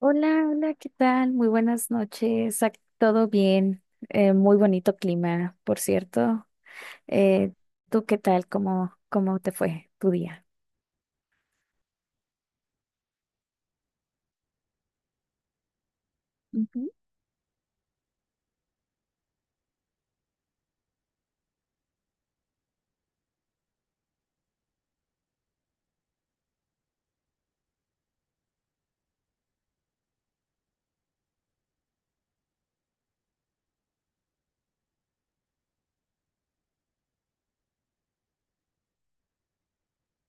Hola, hola, ¿qué tal? Muy buenas noches. Todo bien. Muy bonito clima, por cierto. Eh, ¿Tú qué tal? ¿Cómo te fue tu día? Ujú.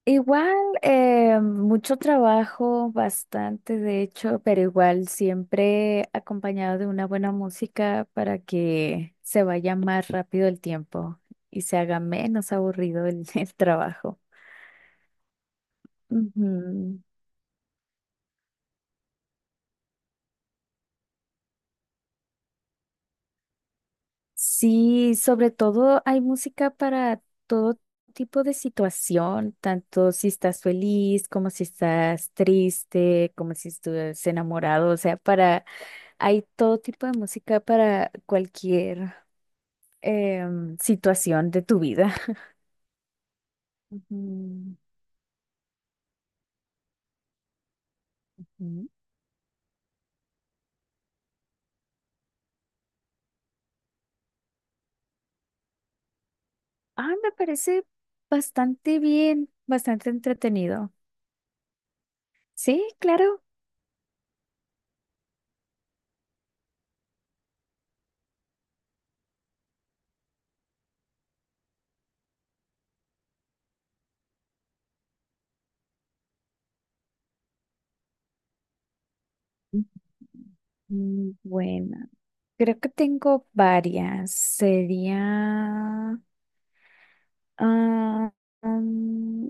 Igual, mucho trabajo, bastante de hecho, pero igual siempre acompañado de una buena música para que se vaya más rápido el tiempo y se haga menos aburrido el, el trabajo. Ujú. Sí, sobre todo hay música para todo tipo de situación, tanto si estás feliz, como si estás triste, como si estuvieras enamorado, o sea, para, hay todo tipo de música para cualquier situación de tu vida. Ujú, ujú. Ah, me parece bastante bien, bastante entretenido. Sí, claro. Bueno, creo que tengo varias. Sería... ah, mm,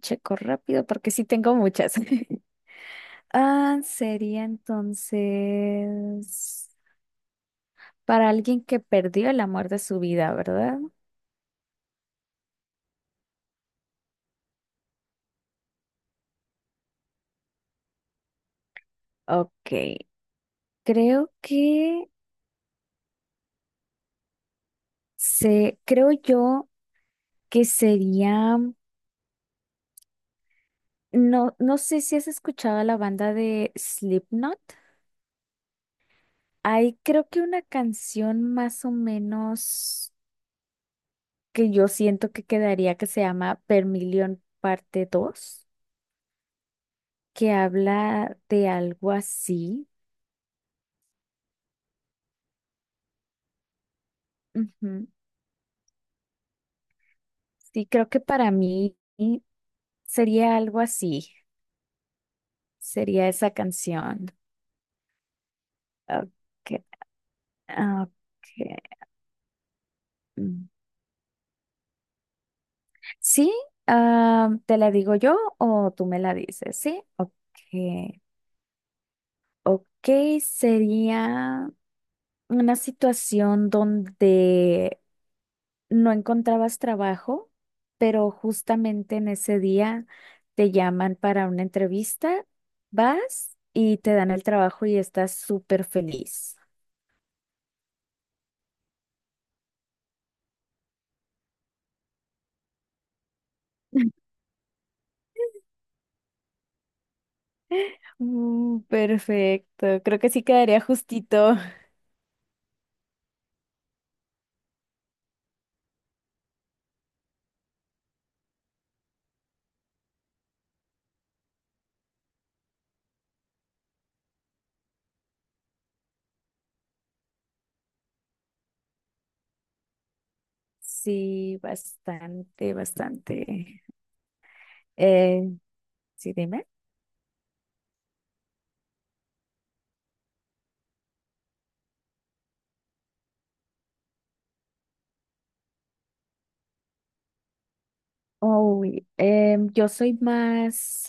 checo rápido porque sí tengo muchas. Ah, sería entonces para alguien que perdió el amor de su vida, ¿verdad? Ok, creo que creo yo que sería, no sé si has escuchado la banda de Slipknot. Hay creo que una canción más o menos que yo siento que quedaría que se llama Vermilion parte 2 que habla de algo así. Ujú. Sí, creo que para mí sería algo así, sería esa canción. Ok, ok. Mm. Sí, ¿te la digo yo o tú me la dices? Sí, ok. Ok, sería... una situación donde no encontrabas trabajo, pero justamente en ese día te llaman para una entrevista, vas y te dan el trabajo y estás súper feliz. Perfecto, creo que sí quedaría justito. Sí, bastante, bastante. Eh, Sí, dime. Uy, yo soy más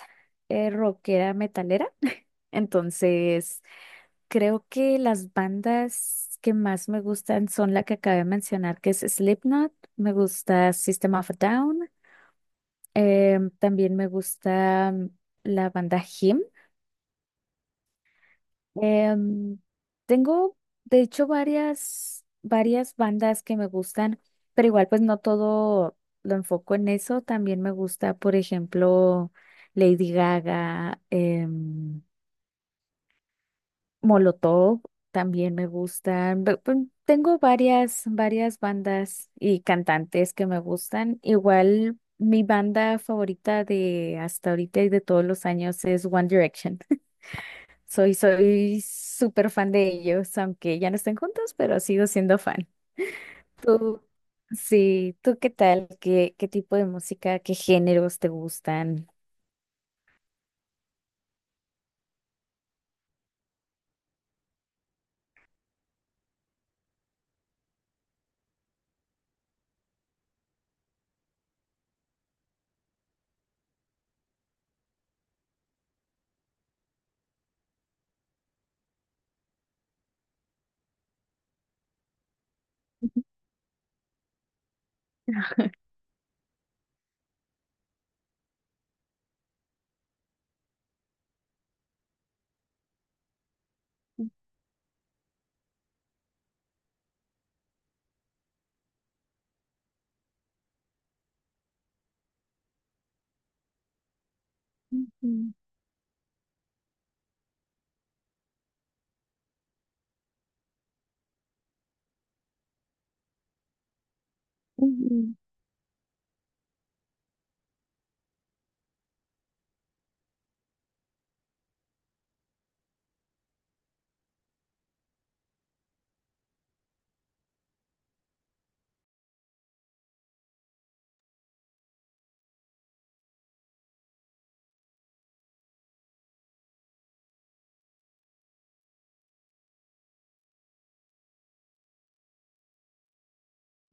rockera metalera, entonces creo que las bandas que más me gustan son la que acabé de mencionar, que es Slipknot, me gusta System of a Down, también me gusta la banda Him. Em, tengo, de hecho, varias bandas que me gustan, pero igual pues no todo lo enfoco en eso. También me gusta, por ejemplo, Lady Gaga, Molotov también me gustan. Tengo varias bandas y cantantes que me gustan. Igual mi banda favorita de hasta ahorita y de todos los años es One Direction. Soy, soy súper fan de ellos, aunque ya no estén juntos, pero sigo siendo fan. Tú, sí, ¿tú qué tal? ¿Qué tipo de música, qué géneros te gustan? Ujú, ujú,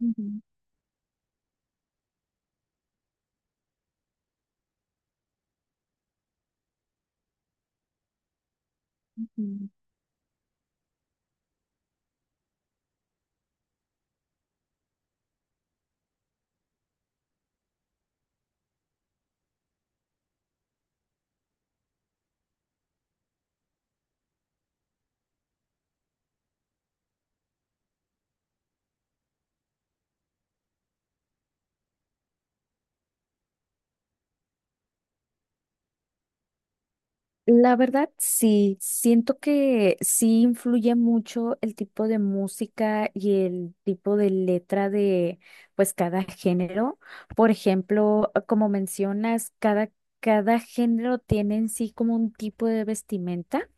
ujú, ujú. La verdad, sí, siento que sí influye mucho el tipo de música y el tipo de letra de pues cada género. Por ejemplo, como mencionas, cada, cada género tiene en sí como un tipo de vestimenta.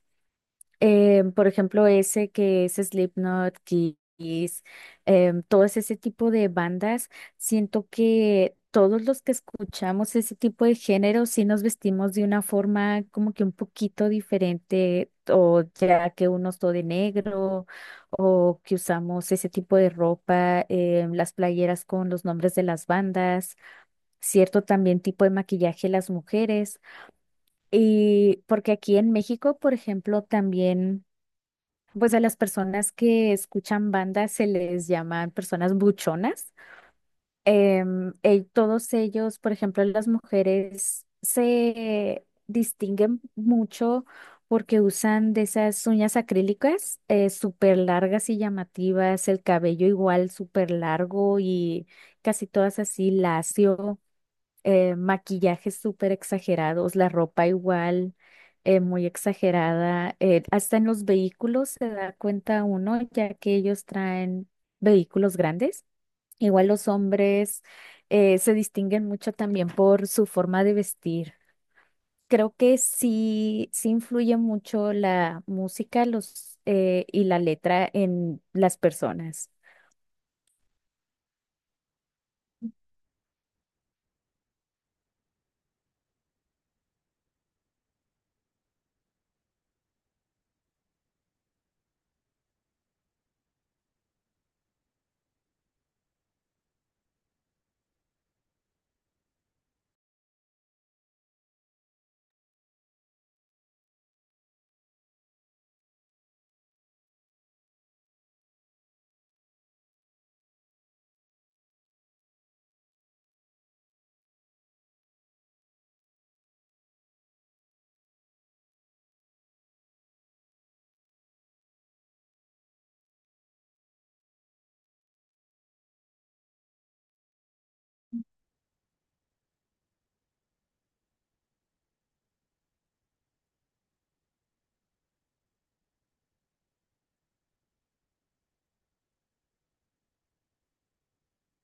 Por ejemplo, ese que es Slipknot, Kiss, todo ese tipo de bandas, siento que todos los que escuchamos ese tipo de género sí nos vestimos de una forma como que un poquito diferente, o ya que uno es todo de negro, o que usamos ese tipo de ropa, las playeras con los nombres de las bandas, cierto también tipo de maquillaje las mujeres. Y porque aquí en México, por ejemplo, también pues a las personas que escuchan bandas se les llaman personas buchonas. Todos ellos, por ejemplo, las mujeres se distinguen mucho porque usan de esas uñas acrílicas súper largas y llamativas, el cabello igual súper largo y casi todas así lacio, maquillajes súper exagerados, la ropa igual, muy exagerada. Hasta en los vehículos se da cuenta uno, ya que ellos traen vehículos grandes. Igual los hombres se distinguen mucho también por su forma de vestir. Creo que sí, sí influye mucho la música, y la letra en las personas.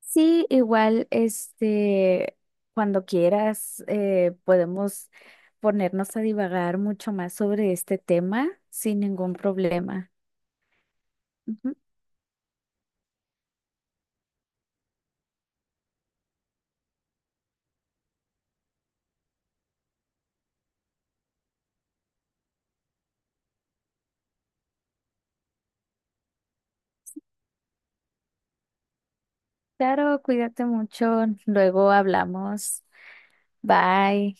Sí, igual, este, cuando quieras, podemos ponernos a divagar mucho más sobre este tema sin ningún problema. Ujú. Claro, cuídate mucho. Luego hablamos. Bye.